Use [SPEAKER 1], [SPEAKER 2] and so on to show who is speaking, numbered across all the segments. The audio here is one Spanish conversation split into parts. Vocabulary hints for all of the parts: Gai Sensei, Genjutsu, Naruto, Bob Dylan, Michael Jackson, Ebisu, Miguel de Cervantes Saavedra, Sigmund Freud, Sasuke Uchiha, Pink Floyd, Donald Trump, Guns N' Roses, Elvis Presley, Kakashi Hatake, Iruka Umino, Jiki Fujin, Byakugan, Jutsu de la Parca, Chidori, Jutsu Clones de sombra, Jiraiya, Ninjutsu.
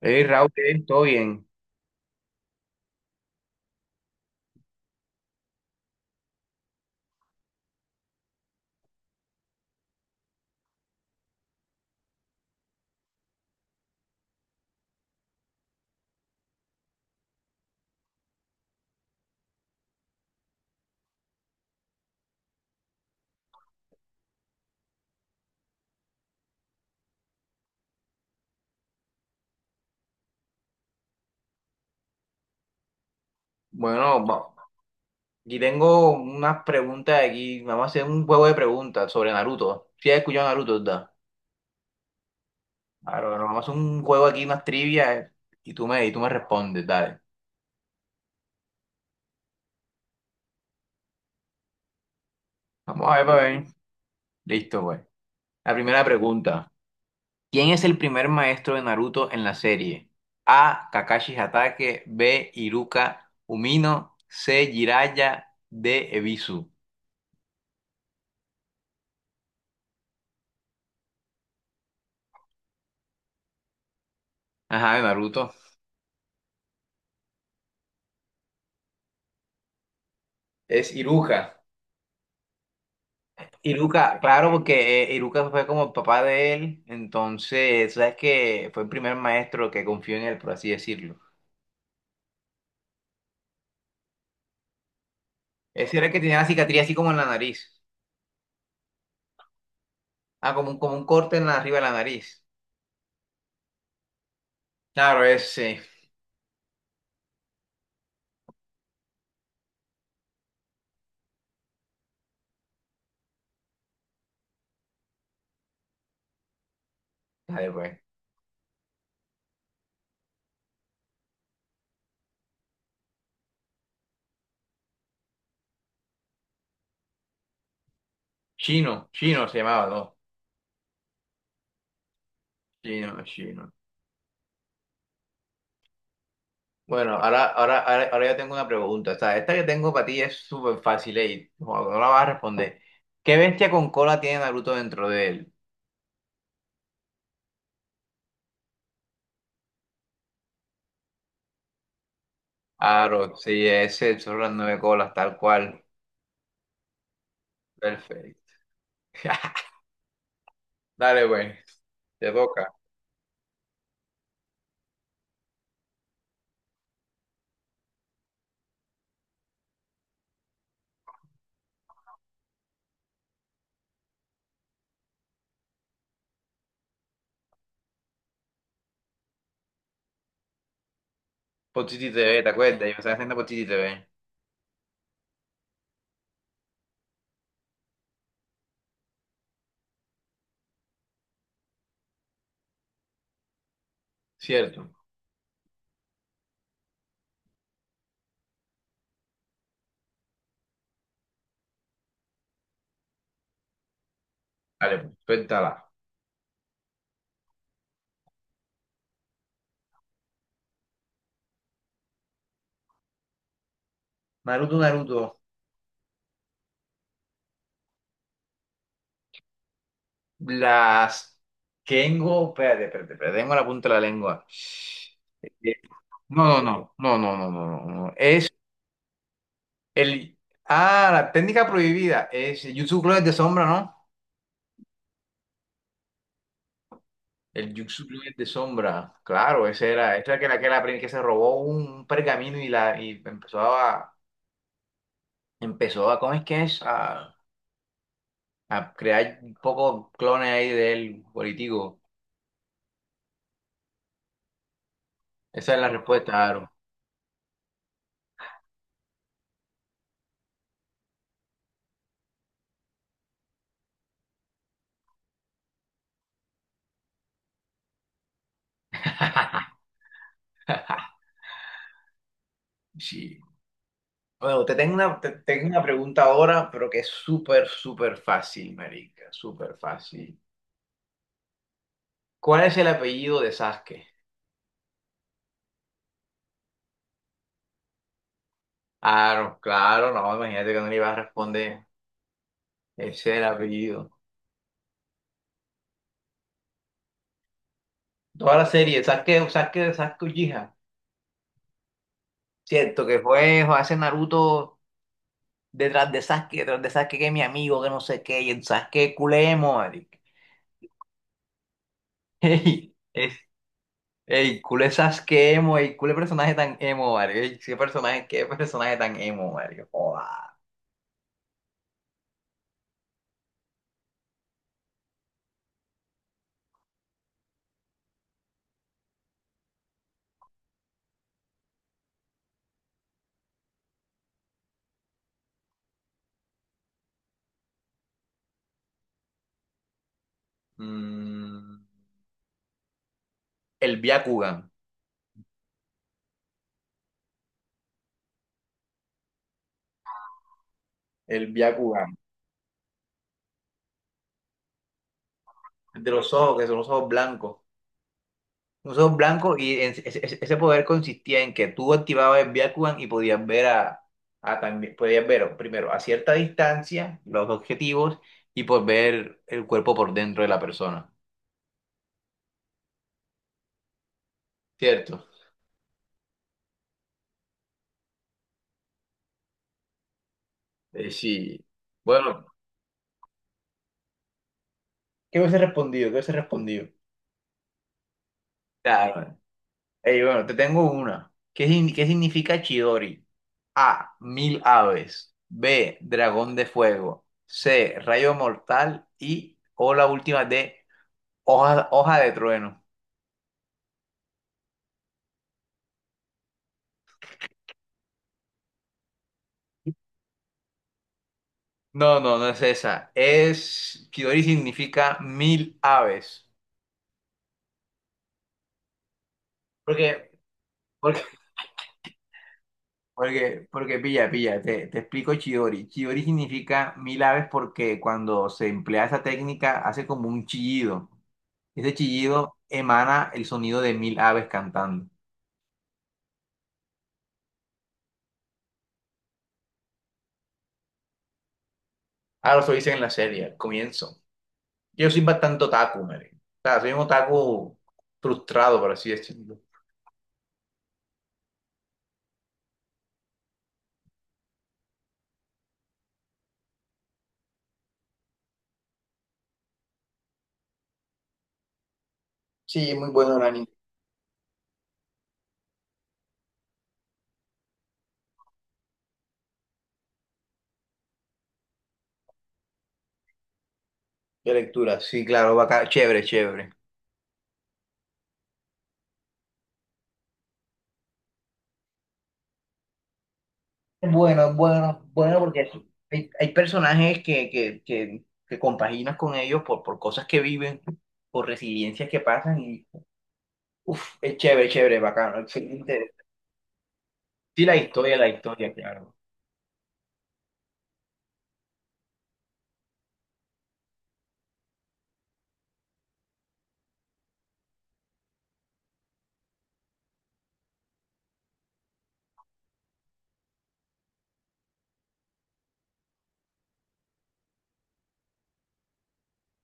[SPEAKER 1] Hey Raúl, ¿qué? ¿Todo bien? Bueno, aquí tengo unas preguntas aquí. Vamos a hacer un juego de preguntas sobre Naruto. Si has escuchado Naruto, ¿verdad? Claro, pero vamos a hacer un juego aquí, unas trivias, y y tú me respondes, dale. Vamos a ver, para ver. Listo, pues. La primera pregunta. ¿Quién es el primer maestro de Naruto en la serie? A. Kakashi Hatake. B. Iruka Umino. C. Jiraiya. D. Ebisu. Ajá, de Naruto. Es Iruka. Iruka, claro, porque Iruka fue como el papá de él, entonces, sabes que fue el primer maestro que confió en él, por así decirlo. Ese era el que tenía la cicatriz así como en la nariz. Ah, como un corte en la arriba de la nariz. Claro, ese. Dale, pues. Chino, Chino se llamaba, ¿no? Chino, Chino. Bueno, ahora yo tengo una pregunta. O sea, esta que tengo para ti es súper fácil y no la vas a responder. ¿Qué bestia con cola tiene Naruto dentro de él? Claro, sí, ese, son las nueve colas, tal cual. Perfecto. Dale, güey. Te toca. Por City TV, ¿te acuerdas? Yo estaba haciendo por City TV. Cierto. Dale, pues, suéltala. Naruto, Naruto. Las tengo. Espérate, espérate, espérate. Tengo la punta de la lengua. Eh, No, no, no, no, no, no, no, no, no. Es el. Ah, la técnica prohibida. Es el Jutsu Clones de sombra, ¿no? El Jutsu Clones de sombra. Claro, ese era. Esa era que se robó un pergamino y empezó a, empezó a, ¿cómo es que es? A crear un poco clones ahí de él, político. Esa es la respuesta, Aaron. Sí. Bueno, te tengo una pregunta ahora, pero que es súper fácil, marica, súper fácil. ¿Cuál es el apellido de Sasuke? Claro, claro, no, imagínate que no le iba a responder. Ese es el apellido. Toda la serie, Sasuke Uchiha. Cierto, que fue hace Naruto detrás de Sasuke que es mi amigo, que no sé qué, y el Sasuke culé emo, marica. Ey, es- ey, culé Sasuke emo, ey, culé personaje tan emo, marica. Ey, qué personaje tan emo, marica. Joda. Mm, el Byakugan, el Byakugan, el de los ojos, que son los ojos blancos. Los ojos blancos ese, ese poder consistía en que tú activabas el Byakugan y podías ver a también, podías ver primero a cierta distancia los objetivos y pues ver el cuerpo por dentro de la persona. ¿Cierto? Sí. Bueno, ¿qué hubiese respondido? ¿Qué hubiese respondido? Claro. Ey, bueno, te tengo una. ¿Qué, sin- ¿qué significa Chidori? A. Mil aves. B. Dragón de fuego. C. Rayo mortal. Y o la última D. Hoja de trueno. No, no, no es esa. Es, Kidori significa mil aves. Porque, porque, porque, pilla, pilla, te explico Chidori. Chidori significa mil aves porque cuando se emplea esa técnica hace como un chillido. Ese chillido emana el sonido de mil aves cantando. Ahora lo dicen en la serie, al comienzo. Yo soy bastante otaku, Mary. O sea, soy un otaku frustrado, por así decirlo. Sí, muy bueno el anime. De lectura, sí, claro, bacán, chévere, chévere. Es bueno, es bueno, es bueno porque hay personajes que compaginas con ellos por cosas que viven, por residencias que pasan y uf, es chévere, chévere, bacano, excelente. Sí, la historia, claro.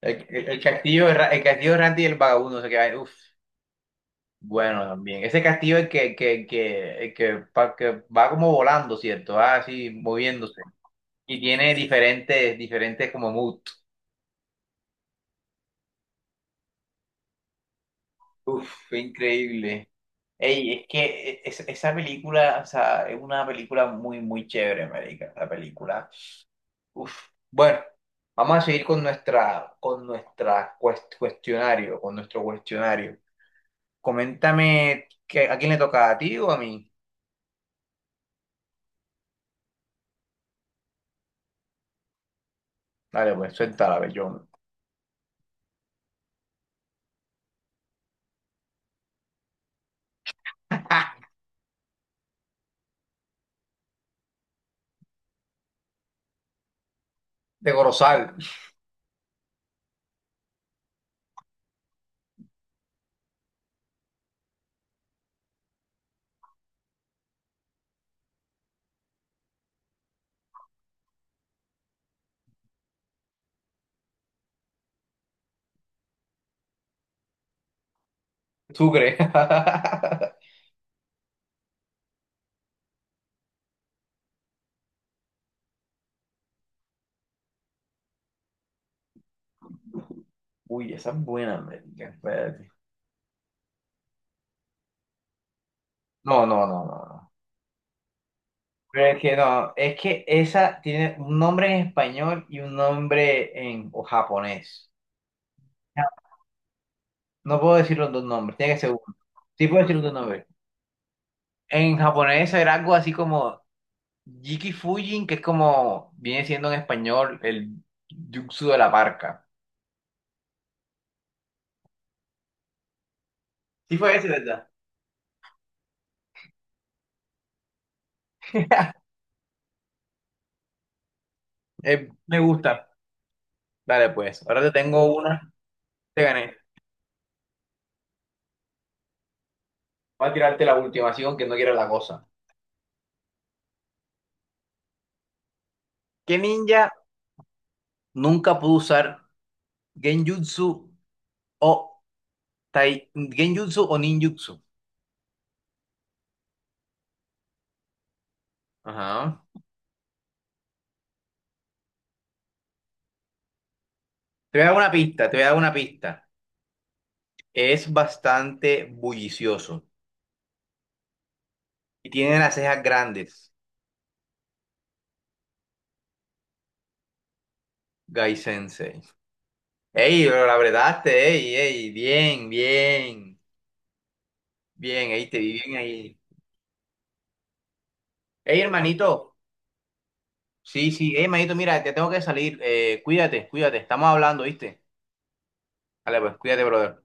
[SPEAKER 1] El castillo de el castillo de Randy y el vagabundo se queda, uf, bueno también. Ese castillo el el que, que va como volando, ¿cierto? Va así moviéndose. Y tiene diferentes, diferentes como moods. Uf, fue increíble. Ey, es que e, es- esa película, o sea, es una película muy, muy chévere, marica, la película. Uf. Bueno, vamos a seguir con nuestra cuestionario, con nuestro cuestionario. Coméntame, que, ¿a quién le toca? ¿A ti o a mí? Dale, pues, suéltala, bellón. De Corozal, Sucre. Uy, esa es buena, marica, espérate. No, no, no, no, no. Pero es que no, es que esa tiene un nombre en español y un nombre en o japonés. No puedo decir los dos nombres, tiene que ser uno. Sí puedo decir los dos nombres. En japonés era algo así como Jiki Fujin, que es como viene siendo en español el Jutsu de la Parca. Sí fue ese, ¿verdad? Me gusta. Dale, pues. Ahora te tengo una. Te gané. Voy a tirarte la última, así que no quiera la cosa. ¿Qué ninja nunca pudo usar Genjutsu o Tai- Genjutsu o ninjutsu. Ajá. Te voy a dar una pista. Es bastante bullicioso y tiene las cejas grandes, Gai Sensei. Ey, lo abretaste, ey, ey, bien, ey, te vi bien ahí. Ey, hermanito, sí, sí, ey, hermanito, mira, te tengo que salir, cuídate, cuídate, estamos hablando, ¿viste? Dale, pues, cuídate, brother.